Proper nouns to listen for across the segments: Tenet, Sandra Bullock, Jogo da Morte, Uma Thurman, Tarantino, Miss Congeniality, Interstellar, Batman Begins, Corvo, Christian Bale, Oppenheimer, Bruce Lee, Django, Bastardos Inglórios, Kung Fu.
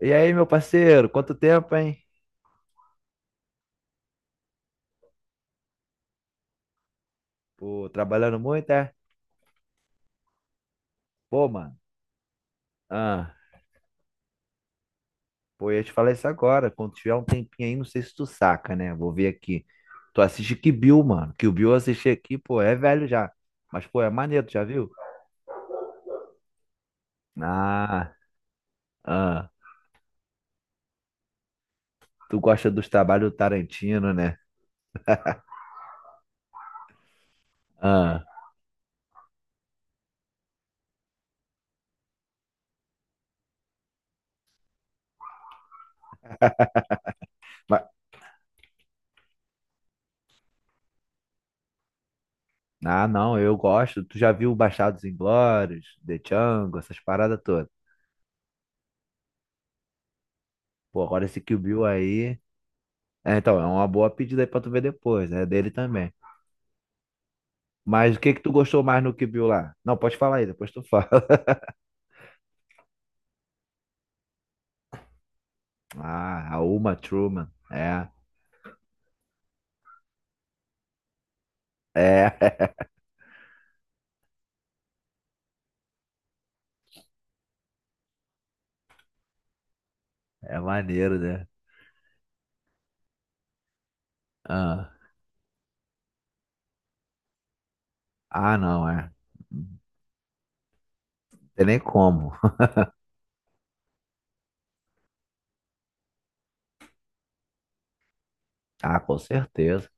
E aí, meu parceiro, quanto tempo, hein? Pô, trabalhando muito, é? Pô, mano, ah, pô, eu ia te falar isso agora. Quando tiver um tempinho aí, não sei se tu saca, né? Vou ver aqui. Tu assiste Kill Bill, mano. Kill Bill eu assisti aqui, pô, é velho já. Mas, pô, é maneiro, tu já viu? Ah, ah, tu gosta dos trabalhos do Tarantino, né? Ah, mas- ah, não, eu gosto. Tu já viu Bastardos Inglórios, The Django, essas paradas todas. Pô, agora esse Kill Bill aí. É, então, é uma boa pedida aí pra tu ver depois, né? Dele também. Mas o que que tu gostou mais no que viu lá? Não, pode falar aí, depois tu fala. Ah, a Uma Truman. É, é, é maneiro, né? Ah, ah, não, é. Não tem nem como. Ah, com certeza.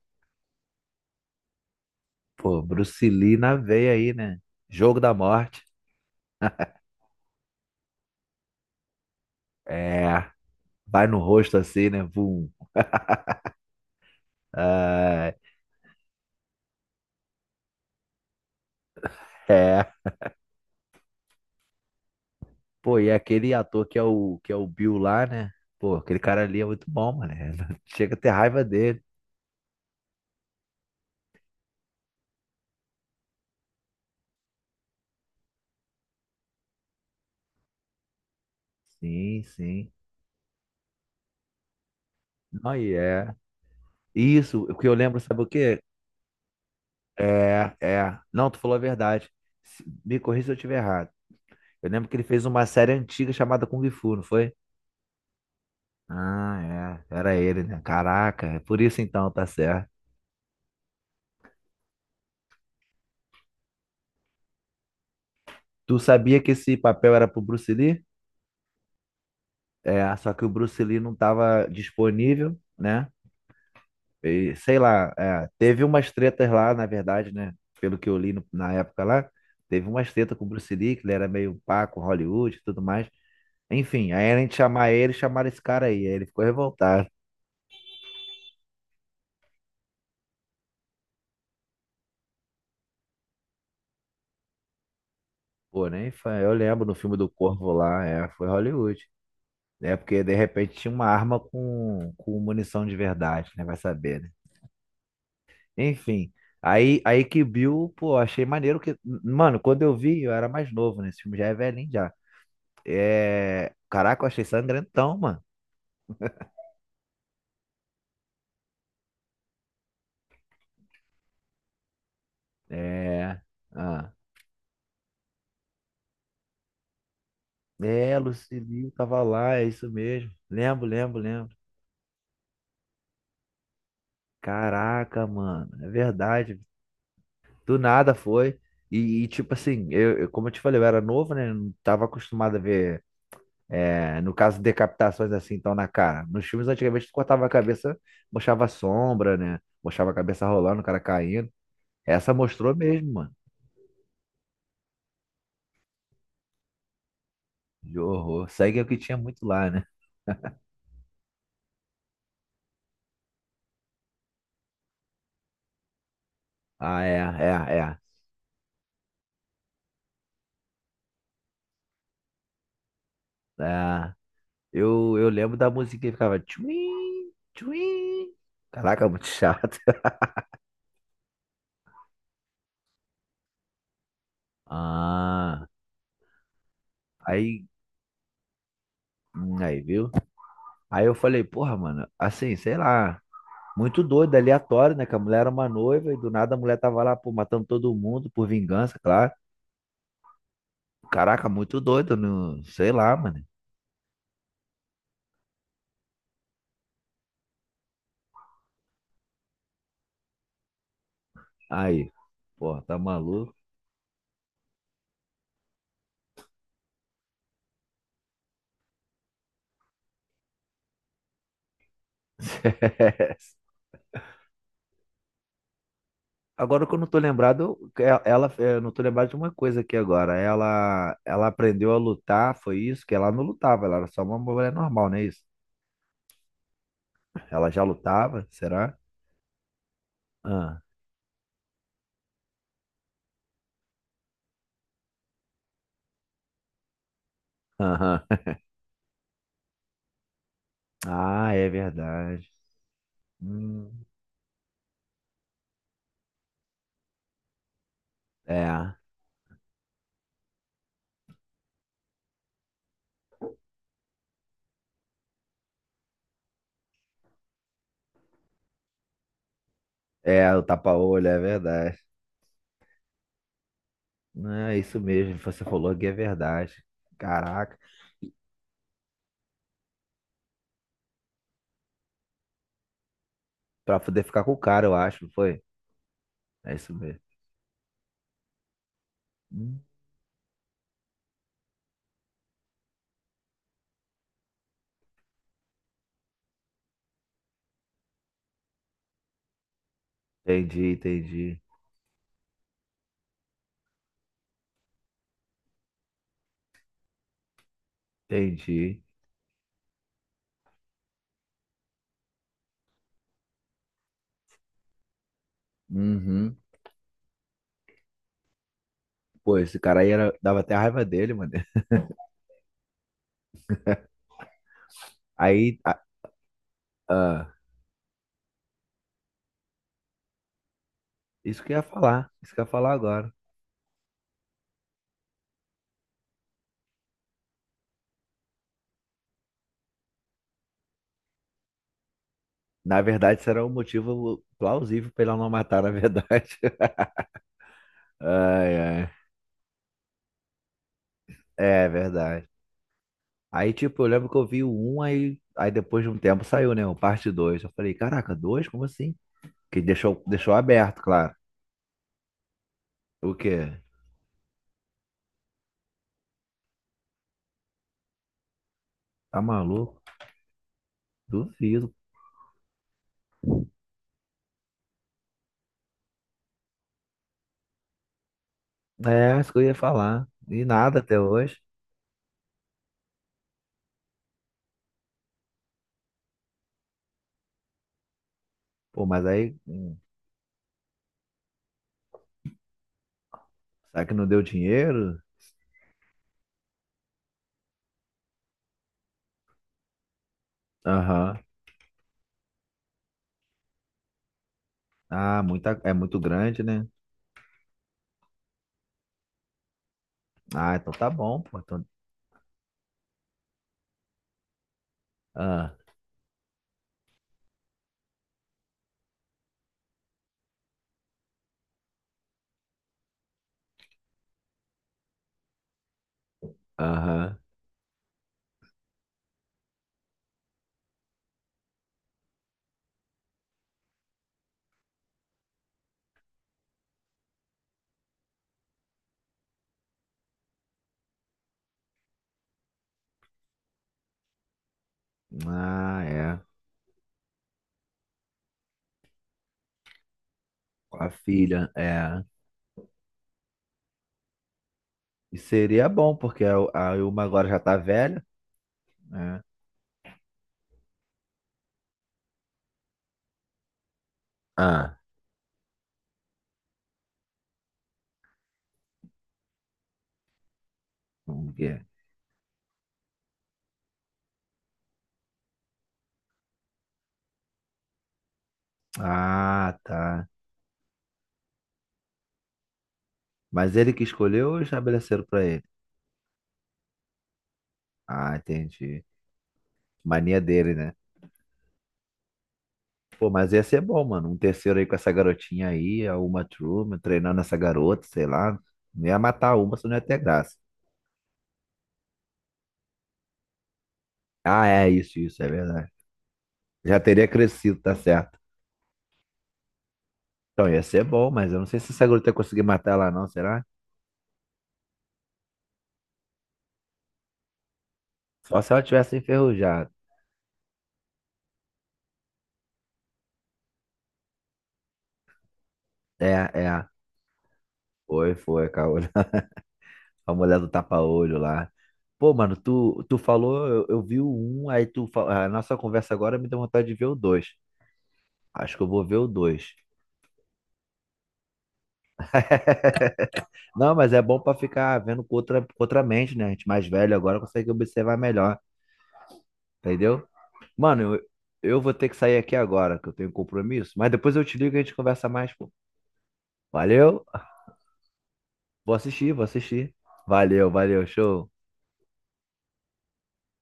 Pô, Bruce Lee na veia aí, né? Jogo da morte. É, vai no rosto assim, né? Vum. Ah, é. Pô, e aquele ator que é o Bill lá, né? Pô, aquele cara ali é muito bom, mano. Chega a ter raiva dele. Sim, sim. Não, e é. Isso, o que eu lembro, sabe o quê? É, é. Não, tu falou a verdade. Me corrija se eu estiver errado. Eu lembro que ele fez uma série antiga chamada Kung Fu, não foi? Ah, é. Era ele, né? Caraca, é por isso então, tá certo. Tu sabia que esse papel era pro Bruce Lee? É, só que o Bruce Lee não tava disponível, né? E, sei lá, é, teve umas tretas lá, na verdade, né? Pelo que eu li na época lá, teve umas tretas com o Bruce Lee, que ele era meio pá com Hollywood e tudo mais. Enfim, aí a gente chamar ele, chamaram esse cara aí. Aí ele ficou revoltado. Pô, nem foi. Eu lembro no filme do Corvo lá, é, foi Hollywood. É porque de repente tinha uma arma com munição de verdade, né? Vai saber, né? Enfim, aí que Bill, pô, achei maneiro que. Mano, quando eu vi, eu era mais novo, né? Esse filme já é velhinho já. É... Caraca, eu achei sangrentão, mano. É. Ah. É, Lucilio tava lá, é isso mesmo. Lembro, lembro, lembro. Caraca, mano, é verdade. Do nada foi. E, tipo assim, como eu te falei, eu era novo, né? Não tava acostumado a ver, é, no caso, decapitações assim, então na cara. Nos filmes, antigamente, tu cortava a cabeça, mostrava a sombra, né? Mostrava a cabeça rolando, o cara caindo. Essa mostrou mesmo, mano. De horror. Sangue é o que tinha muito lá, né? Ah, é, é, é. Ah, eu lembro da musiquinha que ficava tchuim, tchuim. Caraca, muito chato. Ah, aí, aí, viu? Aí eu falei, porra, mano, assim, sei lá, muito doido, aleatório, né? Que a mulher era uma noiva e do nada a mulher tava lá, pô, matando todo mundo por vingança, claro. Caraca, muito doido, não, sei lá, mano. Aí, porra, tá maluco? Agora que eu não tô lembrado, ela, eu não tô lembrado de uma coisa aqui agora. Ela aprendeu a lutar, foi isso? Que ela não lutava, ela era só uma mulher normal, não é isso? Ela já lutava, será? Ah, aham. Ah, é verdade. Hum, é, é, o tapa-olho, é verdade. É isso mesmo, você falou que é verdade. Caraca, pra poder ficar com o cara, eu acho, não foi? É isso mesmo. Hum, Entendi, entendi, entendi. Uhum. Pô, esse cara aí era, dava até raiva dele, mano. Aí, ah, isso que eu ia falar, isso que eu ia falar agora. Na verdade, será um motivo plausível pra ele não matar, na verdade. Ai, ai. É verdade. Aí, tipo, eu lembro que eu vi o 1, aí depois de um tempo saiu, né? O parte dois. Eu falei, caraca, dois. Como assim? Que deixou aberto, claro. O quê? Tá maluco? Duvido. É, isso que eu ia falar. E nada até hoje. Pô, mas aí, será que não deu dinheiro? Aham. Ah, é muito grande, né? Ah, então tá bom, pô. Então, ah, aham. Ah, é. Com a filha, é. E seria bom, porque a Ilma agora já tá velha, né? Ah, o quê? Ah, tá. Mas ele que escolheu ou estabeleceram pra ele? Ah, entendi. Mania dele, né? Pô, mas ia ser bom, mano. Um terceiro aí com essa garotinha aí, a Uma Thurman, treinando essa garota, sei lá. Não ia matar a Uma, isso não ia ter graça. Ah, é isso, isso, é verdade. Já teria crescido, tá certo. Então, ia ser bom, mas eu não sei se essa gruta ia conseguir matar ela não, será? Só se ela tivesse enferrujada. É, é. Foi, foi, caô. A mulher do tapa-olho lá. Pô, mano, tu falou, eu vi o um, aí a nossa conversa agora me deu vontade de ver o dois. Acho que eu vou ver o dois. Não, mas é bom pra ficar vendo com outra mente, né? A gente mais velho agora consegue observar melhor, entendeu? Mano, eu vou ter que sair aqui agora, que eu tenho um compromisso, mas depois eu te ligo e a gente conversa mais, pô. Valeu! Vou assistir, vou assistir. Valeu, valeu, show.